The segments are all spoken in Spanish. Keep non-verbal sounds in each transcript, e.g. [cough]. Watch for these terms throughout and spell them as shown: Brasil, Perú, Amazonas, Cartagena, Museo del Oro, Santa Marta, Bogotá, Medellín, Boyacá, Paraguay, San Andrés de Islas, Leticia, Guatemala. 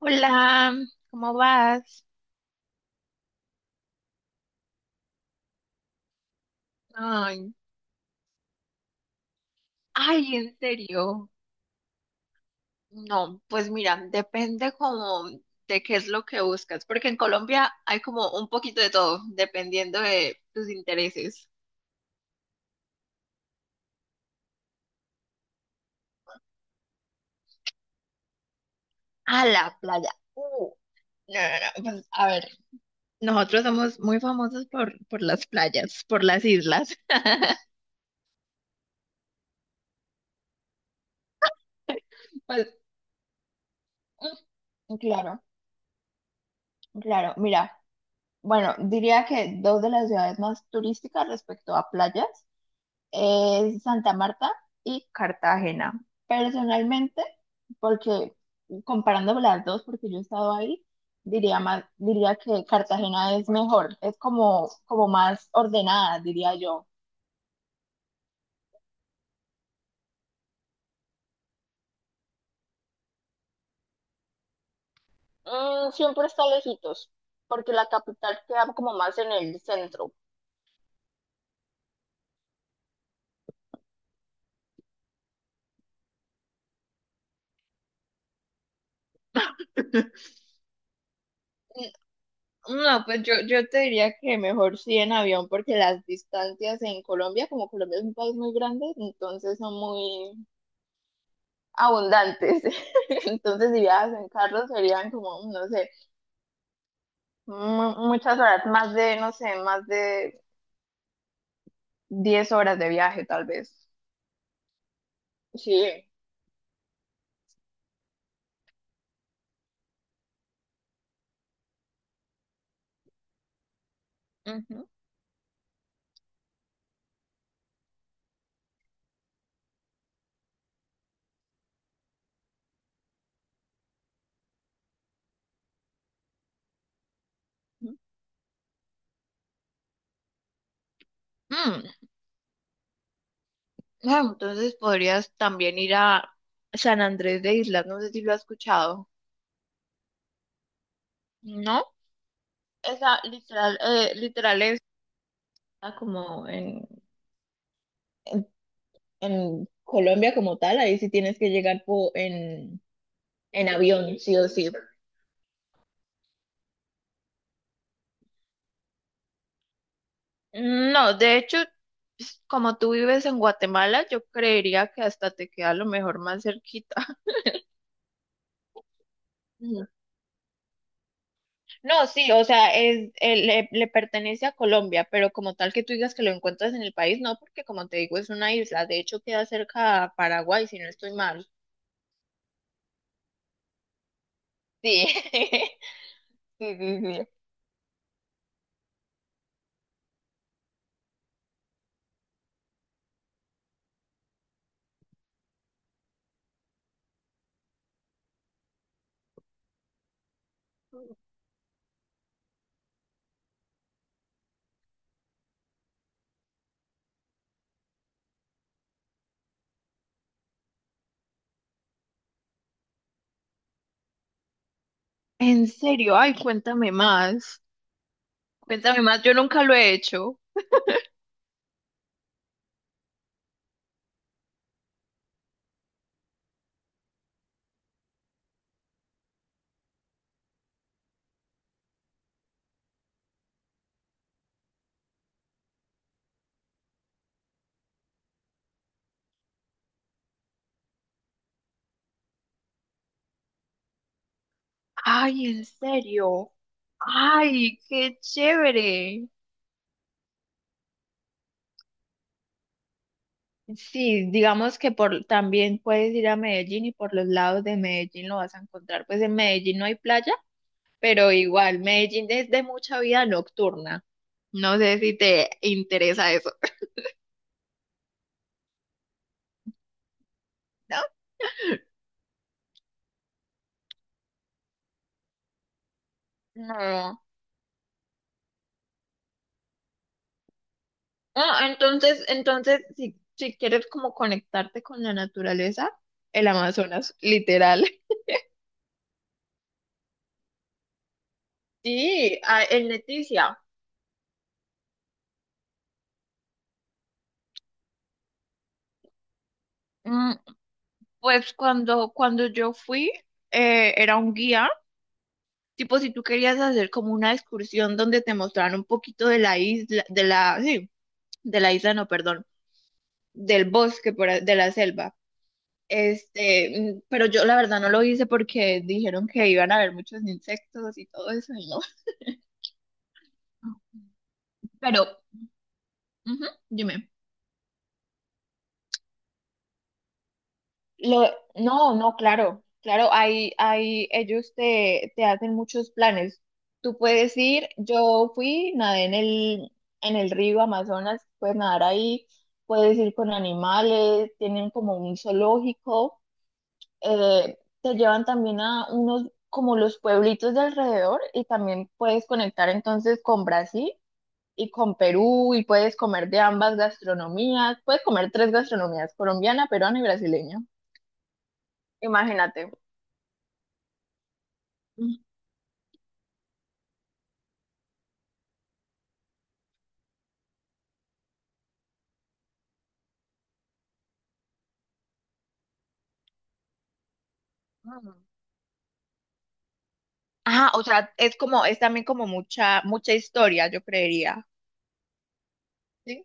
Hola, ¿cómo vas? Ay, ay, en serio. No, pues mira, depende como de qué es lo que buscas, porque en Colombia hay como un poquito de todo, dependiendo de tus intereses. A la playa. No, no, no, pues a ver, nosotros somos muy famosos por las playas, por las islas. [laughs] Pues, claro, claro. Mira, bueno, diría que dos de las ciudades más turísticas respecto a playas es Santa Marta y Cartagena. Personalmente, porque comparando las dos, porque yo he estado ahí, diría más, diría que Cartagena es mejor, es como, como más ordenada, diría yo. Siempre está lejitos, porque la capital queda como más en el centro. [laughs] No, pues yo te diría que mejor sí en avión, porque las distancias en Colombia, como Colombia es un país muy grande, entonces son muy, abundantes. [laughs] Entonces, si viajas en carro, serían como, no sé, muchas horas, más de, no sé, más de 10 horas de viaje, tal vez. Sí. Ujú. Mm, Entonces podrías también ir a San Andrés de Islas, no sé si lo has escuchado, ¿no? Esa literal, literal es ah, como en, en Colombia como tal, ahí sí tienes que llegar en avión, sí o sí. No, de hecho, pues, como tú vives en Guatemala, yo creería que hasta te queda a lo mejor más cerquita. [laughs] Ujú. No, sí, o sea, es, le pertenece a Colombia, pero como tal que tú digas que lo encuentras en el país, no, porque como te digo, es una isla. De hecho, queda cerca a Paraguay, si no estoy mal. Sí, [laughs] sí, sí, sí. En serio, ay, cuéntame más. Cuéntame más, yo nunca lo he hecho. Ay, en serio. Ay, qué chévere. Sí, digamos que por también puedes ir a Medellín y por los lados de Medellín lo vas a encontrar. Pues en Medellín no hay playa, pero igual, Medellín es de mucha vida nocturna. No sé si te interesa eso. [laughs] ¿No? No. Ah, entonces, entonces, si, si quieres como conectarte con la naturaleza, el Amazonas, literal. [laughs] Sí, ah, en Leticia. Mm, Pues cuando yo fui, era un guía. Tipo, si tú querías hacer como una excursión donde te mostraran un poquito de la isla, de la, sí, de la isla, no, perdón, del bosque, de la selva. Este, pero yo la verdad no lo hice porque dijeron que iban a haber muchos insectos y todo eso, y no. [laughs] Pero, ujú, dime. Lo, no, no, claro, claro, hay, ellos te hacen muchos planes. Tú puedes ir, yo fui, nadé en el río Amazonas, puedes nadar ahí, puedes ir con animales, tienen como un zoológico, te llevan también a unos, como los pueblitos de alrededor y también puedes conectar entonces con Brasil y con Perú y puedes comer de ambas gastronomías, puedes comer tres gastronomías, colombiana, peruana y brasileña, imagínate. Ujú. Ah, o sea, es como, es también como mucha, mucha historia, yo creería. ¿Sí?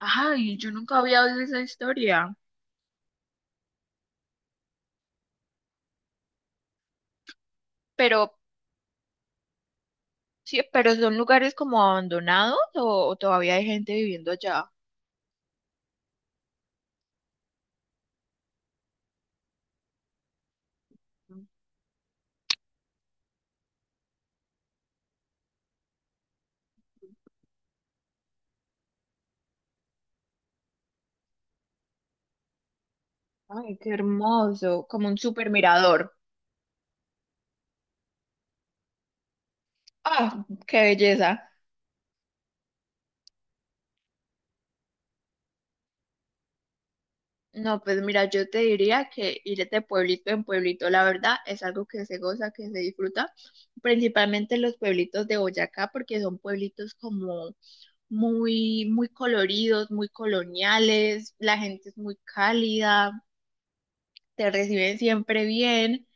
Ay, yo nunca había oído esa historia. Pero, sí, pero son lugares como abandonados o todavía hay gente viviendo allá. Ay, qué hermoso, como un super mirador. Ah, qué belleza. No, pues mira, yo te diría que ir de pueblito en pueblito, la verdad, es algo que se goza, que se disfruta, principalmente los pueblitos de Boyacá, porque son pueblitos como muy, muy coloridos, muy coloniales, la gente es muy cálida, te reciben siempre bien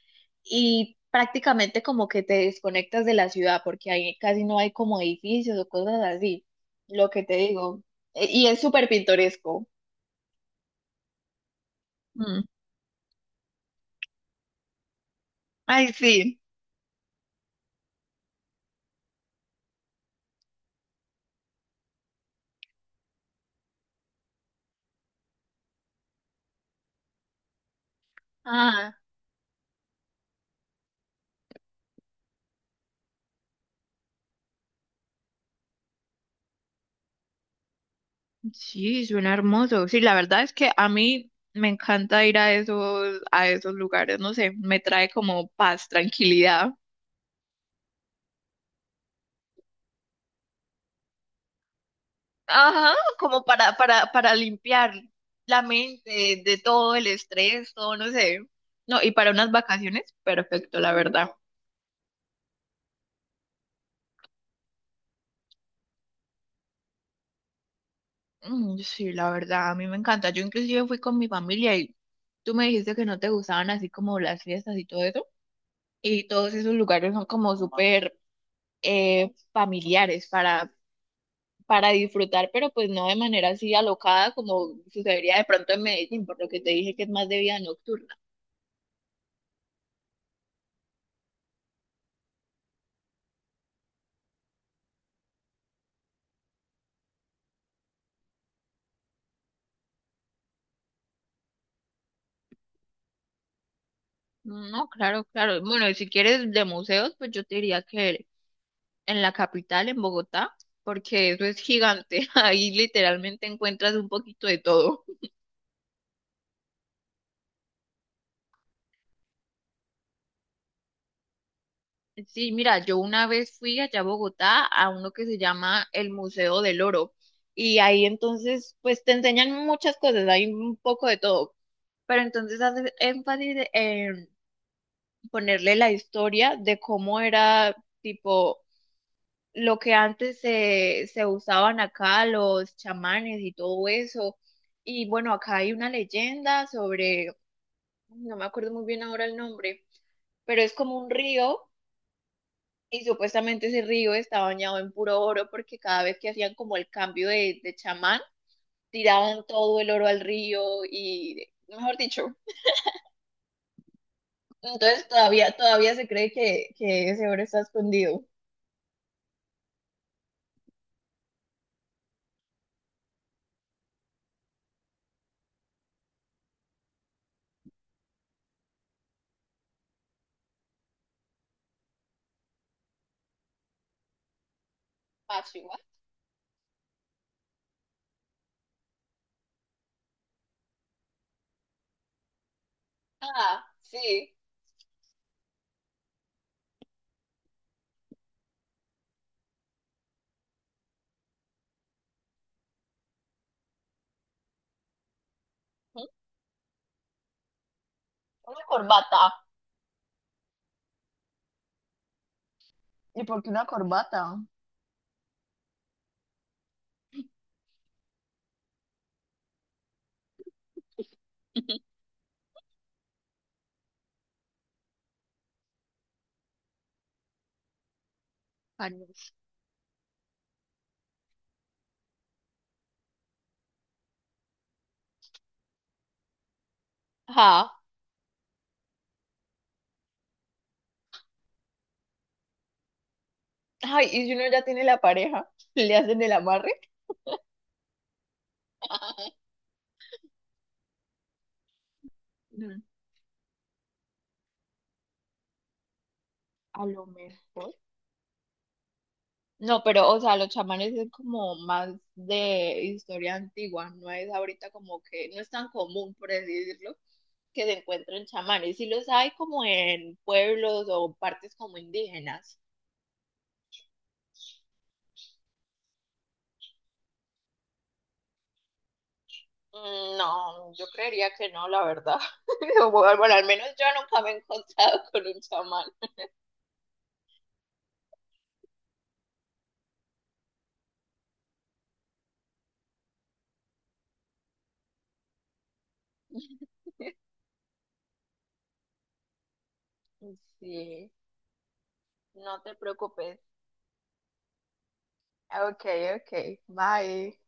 y prácticamente como que te desconectas de la ciudad, porque ahí casi no hay como edificios o cosas así, lo que te digo. Y es súper pintoresco. Mm. Ay, sí. Ah. Sí, suena hermoso. Sí, la verdad es que a mí me encanta ir a esos lugares. No sé, me trae como paz, tranquilidad. Ajá, como para limpiar la mente de todo el estrés, todo, no sé. No, y para unas vacaciones, perfecto, la verdad. Mm, sí, la verdad, a mí me encanta. Yo inclusive fui con mi familia y tú me dijiste que no te gustaban así como las fiestas y todo eso. Y todos esos lugares son como súper familiares para disfrutar, pero pues no de manera así alocada como sucedería de pronto en Medellín, por lo que te dije que es más de vida nocturna. No, claro, claro. Bueno, y si quieres de museos, pues yo te diría que en la capital, en Bogotá, porque eso es gigante. [laughs] Ahí literalmente encuentras un poquito de todo. Sí, mira, yo una vez fui allá a Bogotá a uno que se llama el Museo del Oro. Y ahí entonces, pues te enseñan muchas cosas, hay un poco de todo. Pero entonces hace énfasis en ponerle la historia de cómo era tipo lo que antes se usaban acá, los chamanes y todo eso. Y bueno, acá hay una leyenda sobre, no me acuerdo muy bien ahora el nombre, pero es como un río y supuestamente ese río está bañado en puro oro porque cada vez que hacían como el cambio de chamán, tiraban todo el oro al río y, mejor dicho, entonces todavía se cree que ese oro está escondido. Ah, sí. Ujú. Una corbata. ¿Y por qué una corbata? Ah, no. Ajá. Ay, y si uno ya tiene la pareja, [laughs] le hacen el amarre. Mm, a lo mejor. No, pero, o sea, los chamanes es como más de historia antigua, no es ahorita como que, no es tan común, por así decirlo, que se encuentren chamanes. Sí los hay como en pueblos o partes como indígenas. Mm, no, yo creería que no, la verdad. [laughs] O bueno, bueno, al menos yo nunca me he encontrado con un chamán. [laughs] Sí, no te preocupes. Ok, ok, bye.